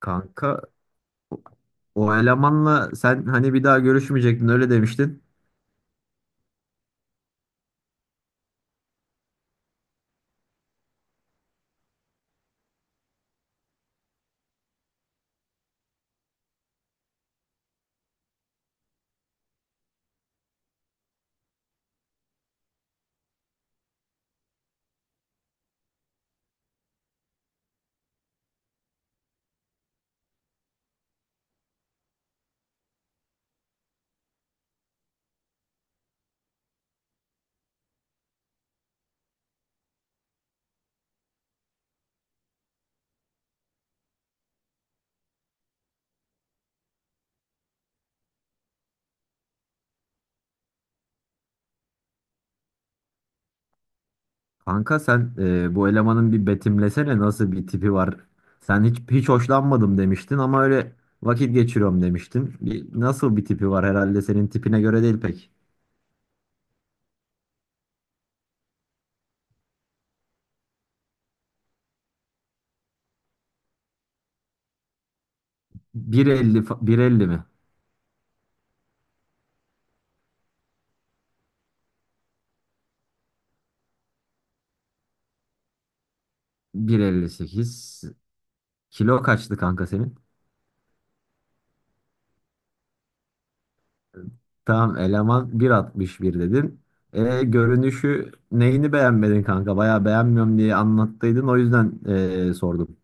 Kanka o elemanla sen hani bir daha görüşmeyecektin öyle demiştin. Kanka sen bu elemanın bir betimlesene nasıl bir tipi var. Sen hiç hoşlanmadım demiştin ama öyle vakit geçiriyorum demiştin. Nasıl bir tipi var, herhalde senin tipine göre değil pek. 1,50 mi? 1,58. Kilo kaçtı kanka senin? Tamam, eleman 1,61 dedin. Görünüşü neyini beğenmedin kanka? Bayağı beğenmiyorum diye anlattıydın, o yüzden sordum.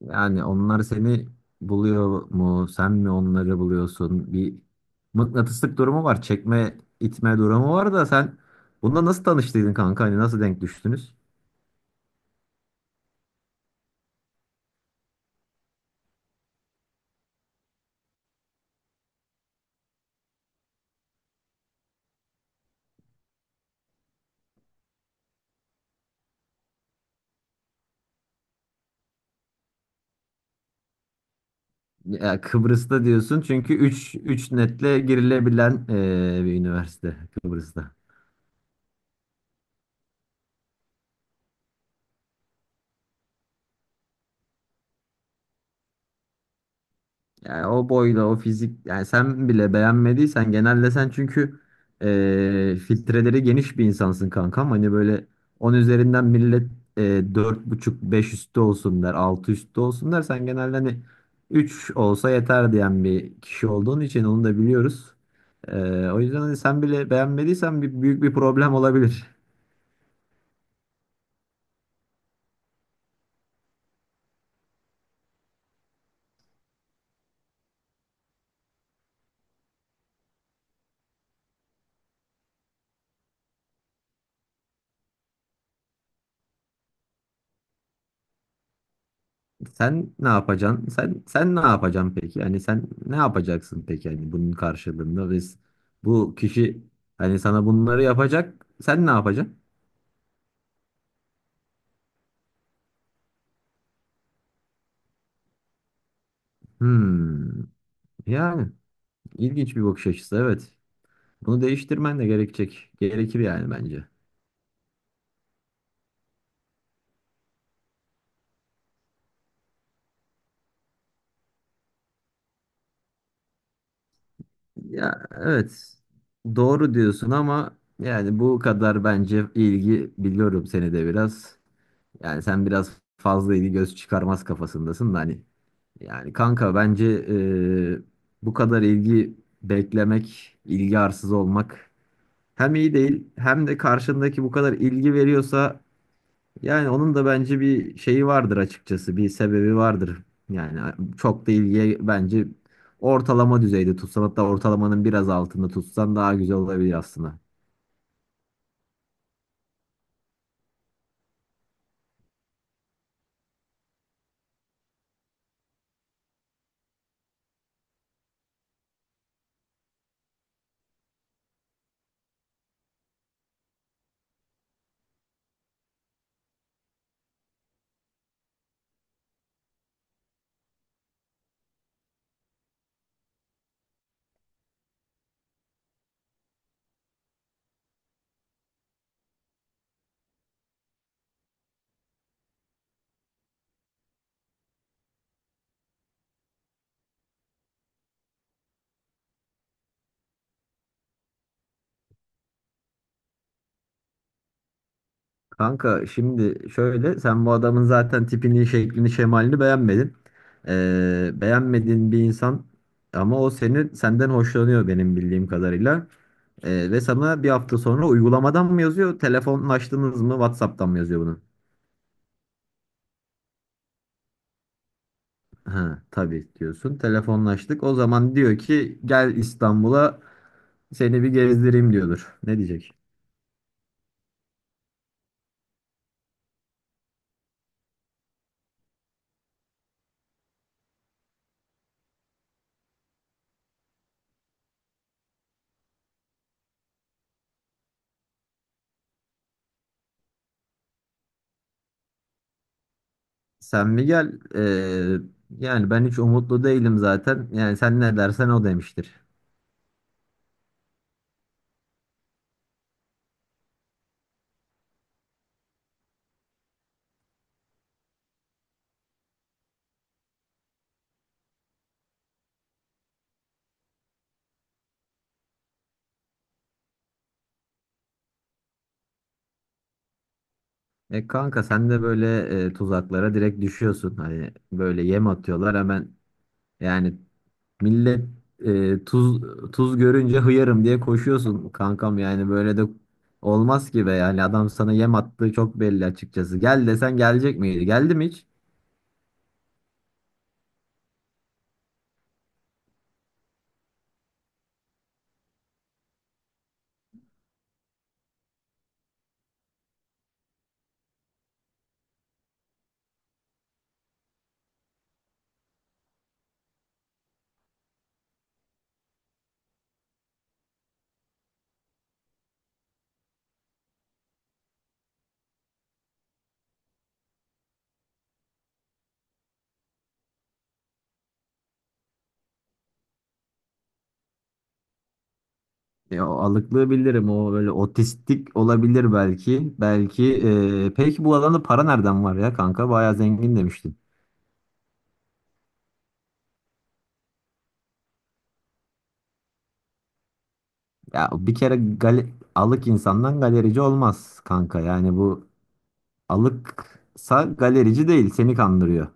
Yani onlar seni buluyor mu? Sen mi onları buluyorsun? Bir mıknatıslık durumu var. Çekme, itme durumu var da sen bununla nasıl tanıştıydın kanka? Hani nasıl denk düştünüz? Ya Kıbrıs'ta diyorsun, çünkü üç netle girilebilen bir üniversite Kıbrıs'ta. Yani o boyla o fizik, yani sen bile beğenmediysen, genelde sen çünkü filtreleri geniş bir insansın kankam. Hani böyle 10 üzerinden millet dört buçuk 5 üstü olsun der, 6 üstü olsun der. Sen genelde hani 3 olsa yeter diyen bir kişi olduğun için, onu da biliyoruz. O yüzden hani sen bile beğenmediysen büyük bir problem olabilir. Sen ne yapacaksın? Sen ne yapacaksın peki? Yani sen ne yapacaksın peki? Yani bunun karşılığında biz, bu kişi hani sana bunları yapacak. Sen ne yapacaksın? Hmm. Yani ilginç bir bakış açısı, evet. Bunu değiştirmen de gerekecek. Gerekir yani bence. Ya evet. Doğru diyorsun ama yani bu kadar, bence ilgi, biliyorum seni de biraz. Yani sen biraz fazla ilgi göz çıkarmaz kafasındasın da hani. Yani kanka bence bu kadar ilgi beklemek, ilgi arsız olmak hem iyi değil, hem de karşındaki bu kadar ilgi veriyorsa yani onun da bence bir şeyi vardır açıkçası, bir sebebi vardır. Yani çok da ilgiye bence ortalama düzeyde tutsan, hatta ortalamanın biraz altında tutsan daha güzel olabilir aslında. Kanka, şimdi şöyle, sen bu adamın zaten tipini, şeklini, şemalini beğenmedin. Beğenmediğin bir insan ama o seni, senden hoşlanıyor benim bildiğim kadarıyla. Ve sana bir hafta sonra uygulamadan mı yazıyor, telefonlaştınız mı, WhatsApp'tan mı yazıyor bunu? Ha, tabii diyorsun. Telefonlaştık. O zaman diyor ki gel İstanbul'a, seni bir gezdireyim diyordur. Ne diyecek? Sen mi gel? Yani ben hiç umutlu değilim zaten. Yani sen ne dersen o demiştir. E kanka, sen de böyle tuzaklara direkt düşüyorsun. Hani böyle yem atıyorlar hemen, yani millet e, tuz tuz görünce hıyarım diye koşuyorsun kankam. Yani böyle de olmaz ki be, yani adam sana yem attığı çok belli açıkçası. Gel desen gelecek miydi? Geldi mi hiç? O alıklığı bilirim, o böyle otistik olabilir belki. Belki peki bu alanda para nereden var ya kanka? Bayağı zengin demiştin. Ya bir kere gale- alık insandan galerici olmaz kanka, yani bu. Alıksa galerici değil, seni kandırıyor.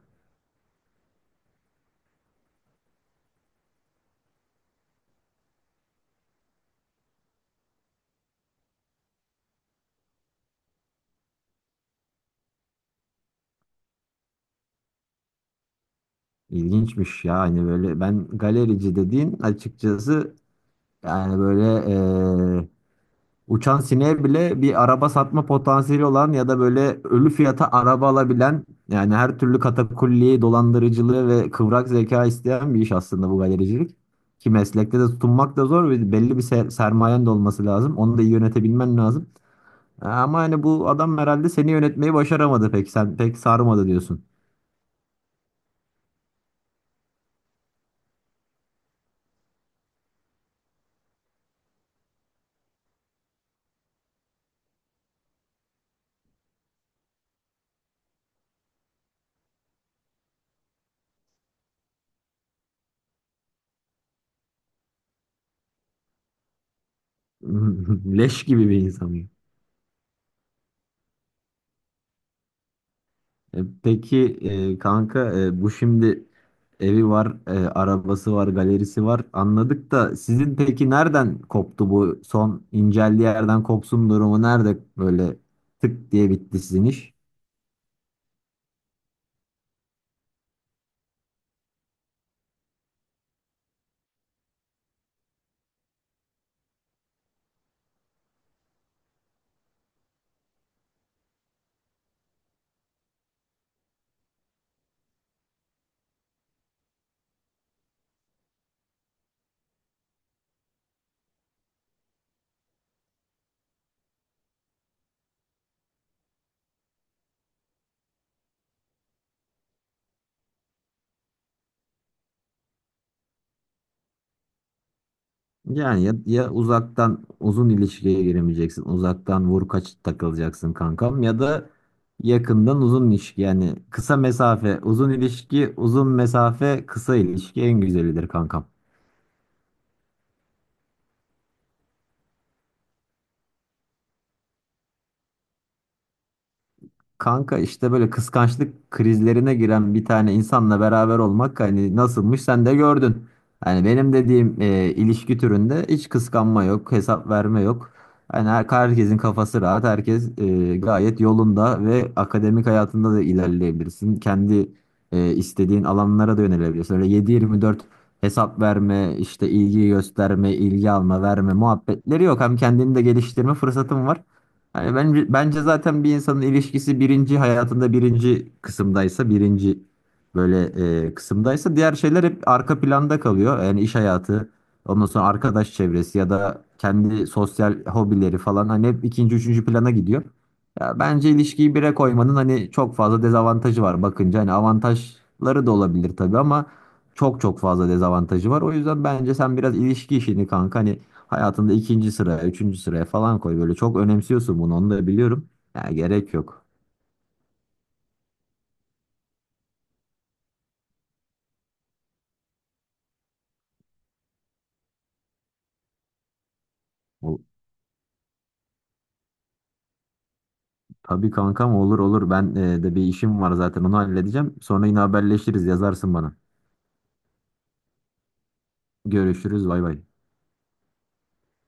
İlginçmiş ya, hani böyle, ben galerici dediğin açıkçası yani böyle eee, uçan sineğe bile bir araba satma potansiyeli olan ya da böyle ölü fiyata araba alabilen, yani her türlü katakulliyi, dolandırıcılığı ve kıvrak zeka isteyen bir iş aslında bu galericilik. Ki meslekte de tutunmak da zor ve belli bir sermayen de olması lazım. Onu da iyi yönetebilmen lazım. Ama hani bu adam herhalde seni yönetmeyi başaramadı pek. Sen pek sarmadı diyorsun. Leş gibi bir insan ya. Peki kanka, bu şimdi evi var, arabası var, galerisi var. Anladık da sizin peki nereden koptu, bu son inceldiği yerden kopsun durumu nerede, böyle tık diye bitti sizin iş? Yani ya, uzaktan uzun ilişkiye giremeyeceksin. Uzaktan vur kaç takılacaksın kankam, ya da yakından uzun ilişki, yani kısa mesafe uzun ilişki, uzun mesafe kısa ilişki en güzelidir kankam. Kanka işte böyle kıskançlık krizlerine giren bir tane insanla beraber olmak hani nasılmış sen de gördün. Hani benim dediğim ilişki türünde hiç kıskanma yok, hesap verme yok. Hani herkesin kafası rahat, herkes gayet yolunda ve akademik hayatında da ilerleyebilirsin. Kendi istediğin alanlara da yönelebilirsin. Öyle 7/24 hesap verme, işte ilgi gösterme, ilgi alma, verme muhabbetleri yok. Hem kendini de geliştirme fırsatın var. Hani bence zaten bir insanın ilişkisi birinci, hayatında birinci kısımdaysa, birinci böyle kısımdaysa, diğer şeyler hep arka planda kalıyor. Yani iş hayatı, ondan sonra arkadaş çevresi ya da kendi sosyal hobileri falan, hani hep ikinci üçüncü plana gidiyor. Ya bence ilişkiyi bire koymanın hani çok fazla dezavantajı var, bakınca hani avantajları da olabilir tabii ama çok çok fazla dezavantajı var. O yüzden bence sen biraz ilişki işini kanka hani hayatında ikinci sıraya, üçüncü sıraya falan koy. Böyle çok önemsiyorsun bunu, onu da biliyorum. Ya gerek yok. O, tabii kankam, olur olur. Ben de bir işim var zaten, onu halledeceğim. Sonra yine haberleşiriz, yazarsın bana. Görüşürüz, bay bay.